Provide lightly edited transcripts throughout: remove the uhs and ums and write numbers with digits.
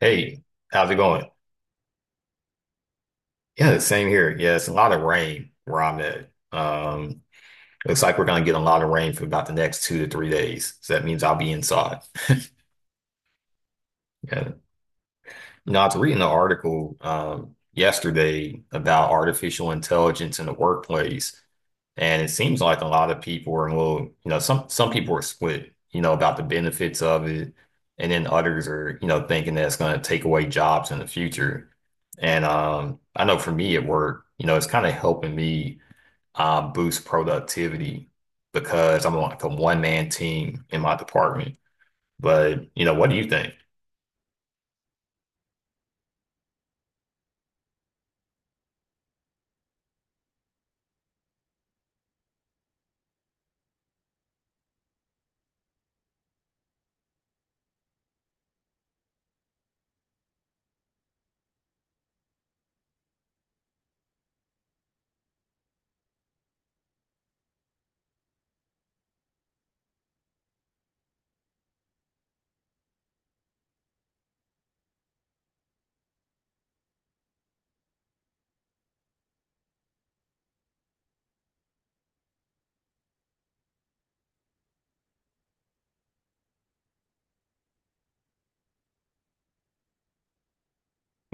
Hey, how's it going? Yeah, the same here. Yeah, it's a lot of rain where I'm at. Looks like we're gonna get a lot of rain for about the next 2 to 3 days. So that means I'll be inside. Yeah. No, I was reading an article yesterday about artificial intelligence in the workplace, and it seems like a lot of people are a little, you know, some people are split, you know, about the benefits of it, and then others are, you know, thinking that it's going to take away jobs in the future. And I know for me at work, you know, it's kind of helping me boost productivity because I'm like a one man team in my department. But you know, what do you think?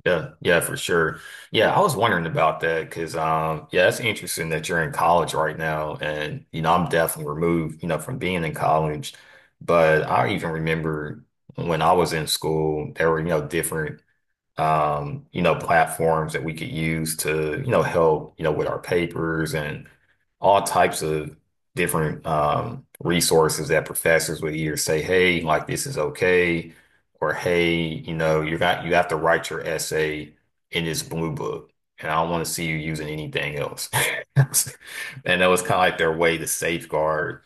Yeah, yeah, for sure. Yeah, I was wondering about that because, yeah, it's interesting that you're in college right now, and you know, I'm definitely removed, you know, from being in college. But I even remember when I was in school, there were, you know, different you know, platforms that we could use to, you know, help, you know, with our papers and all types of different resources that professors would either say, hey, like this is okay, or hey, you know, you have to write your essay in this blue book. And I don't want to see you using anything else. And that was kind of like their way to safeguard,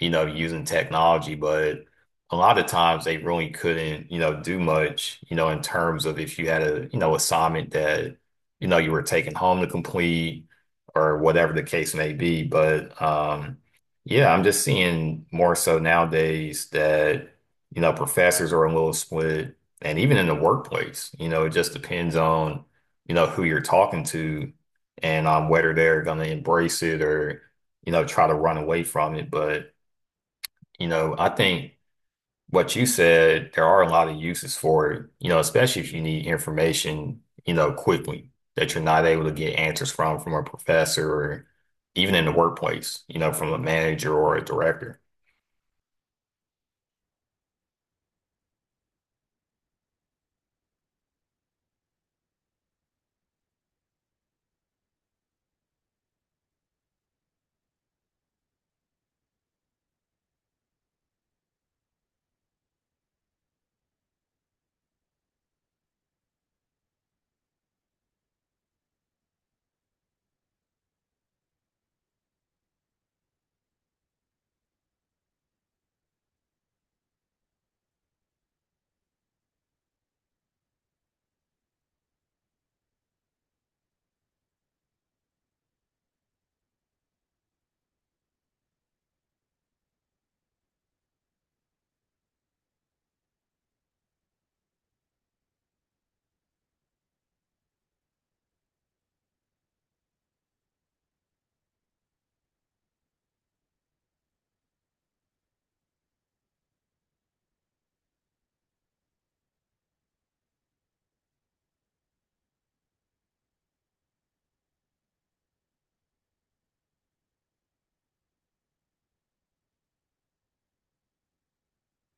you know, using technology. But a lot of times they really couldn't, you know, do much, you know, in terms of if you had a, you know, assignment that, you know, you were taking home to complete or whatever the case may be. But yeah, I'm just seeing more so nowadays that, you know, professors are a little split, and even in the workplace, you know, it just depends on, you know, who you're talking to and on whether they're going to embrace it or, you know, try to run away from it. But, you know, I think what you said, there are a lot of uses for it, you know, especially if you need information, you know, quickly that you're not able to get answers from a professor or even in the workplace, you know, from a manager or a director.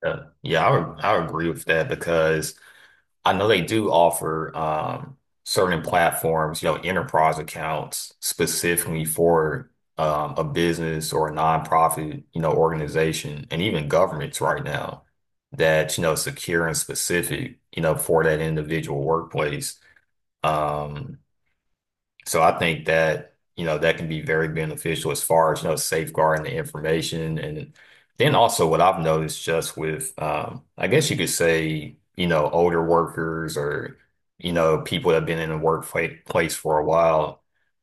Yeah, I would agree with that because I know they do offer certain platforms, you know, enterprise accounts specifically for a business or a nonprofit, you know, organization and even governments right now that, you know, secure and specific, you know, for that individual workplace. Um, so I think that, you know, that can be very beneficial as far as, you know, safeguarding the information. And then also what I've noticed just with, I guess you could say, you know, older workers or, you know, people that have been in the workplace for a while,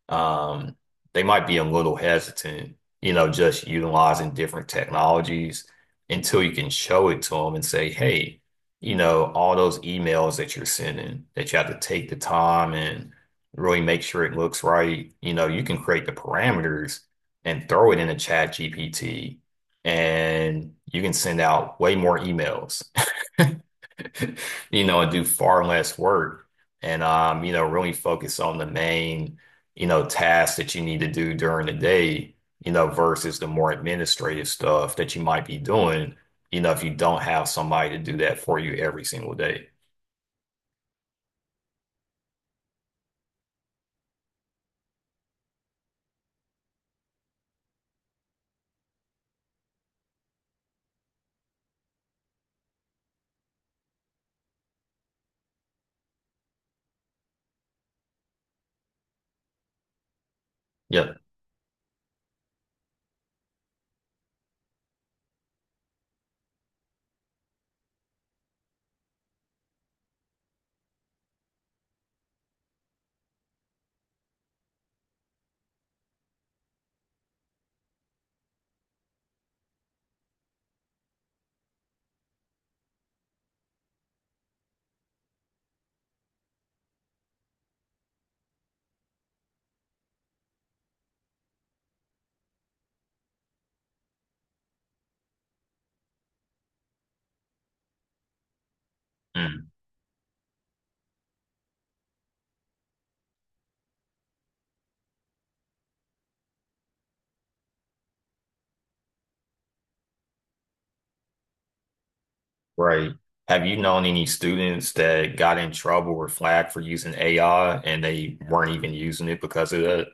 um, they might be a little hesitant, you know, just utilizing different technologies until you can show it to them and say, hey, you know, all those emails that you're sending, that you have to take the time and really make sure it looks right. You know, you can create the parameters and throw it in a chat GPT, and you can send out way more emails, you know, and do far less work and you know, really focus on the main, you know, tasks that you need to do during the day, you know, versus the more administrative stuff that you might be doing, you know, if you don't have somebody to do that for you every single day. Yep. Mm. Right. Have you known any students that got in trouble or flagged for using AI and they weren't even using it because of that?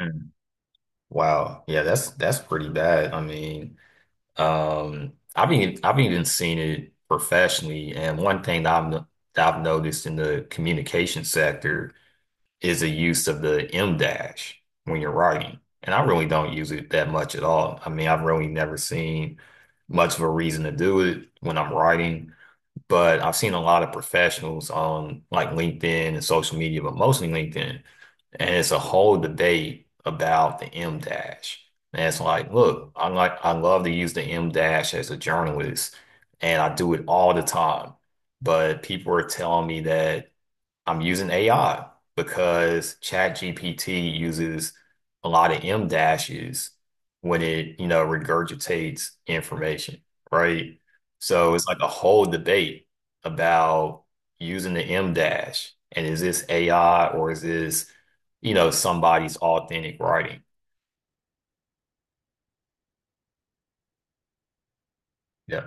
Mm. Wow. Yeah, that's pretty bad. I mean, I've even seen it professionally, and one thing that I've no- that I've noticed in the communication sector is the use of the M dash when you're writing. And I really don't use it that much at all. I mean, I've really never seen much of a reason to do it when I'm writing, but I've seen a lot of professionals on like LinkedIn and social media, but mostly LinkedIn. And it's a whole debate about the M dash. And it's like, look, I love to use the M dash as a journalist, and I do it all the time. But people are telling me that I'm using AI because ChatGPT uses a lot of M dashes when it, you know, regurgitates information, right? So it's like a whole debate about using the M dash, and is this AI or is this, you know, somebody's authentic writing? Yeah.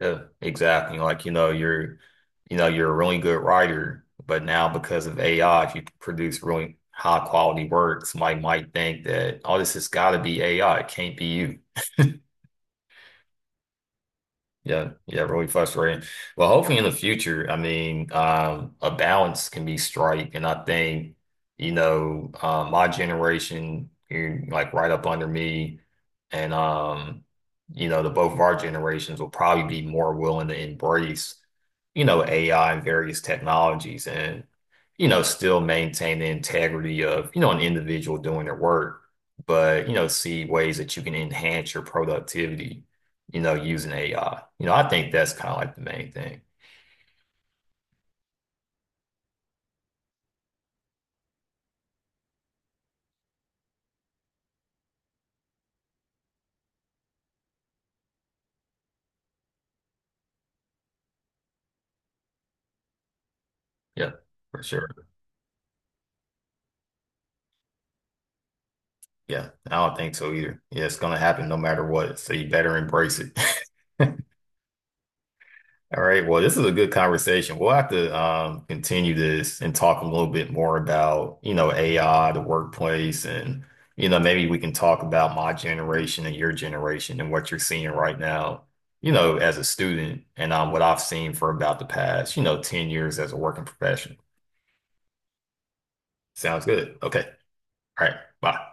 Yeah, exactly. You know, you're a really good writer, but now because of AI, if you produce really high quality work, somebody might think that, oh, this has got to be AI. It can't be you. Yeah, yeah, really frustrating. Well, hopefully in the future, I mean, a balance can be strike, and I think, you know, my generation, you're like right up under me, and you know, the both of our generations will probably be more willing to embrace, you know, AI and various technologies, and you know, still maintain the integrity of, you know, an individual doing their work, but you know, see ways that you can enhance your productivity you know, using AI. You know, I think that's kind of like the main thing. Yeah, for sure. Yeah, I don't think so either. Yeah, it's gonna happen no matter what. So you better embrace it. All right. Well, this is a good conversation. We'll have to continue this and talk a little bit more about, you know, AI, the workplace, and, you know, maybe we can talk about my generation and your generation and what you're seeing right now, you know, as a student and what I've seen for about the past, you know, 10 years as a working professional. Sounds good. Okay. All right. Bye.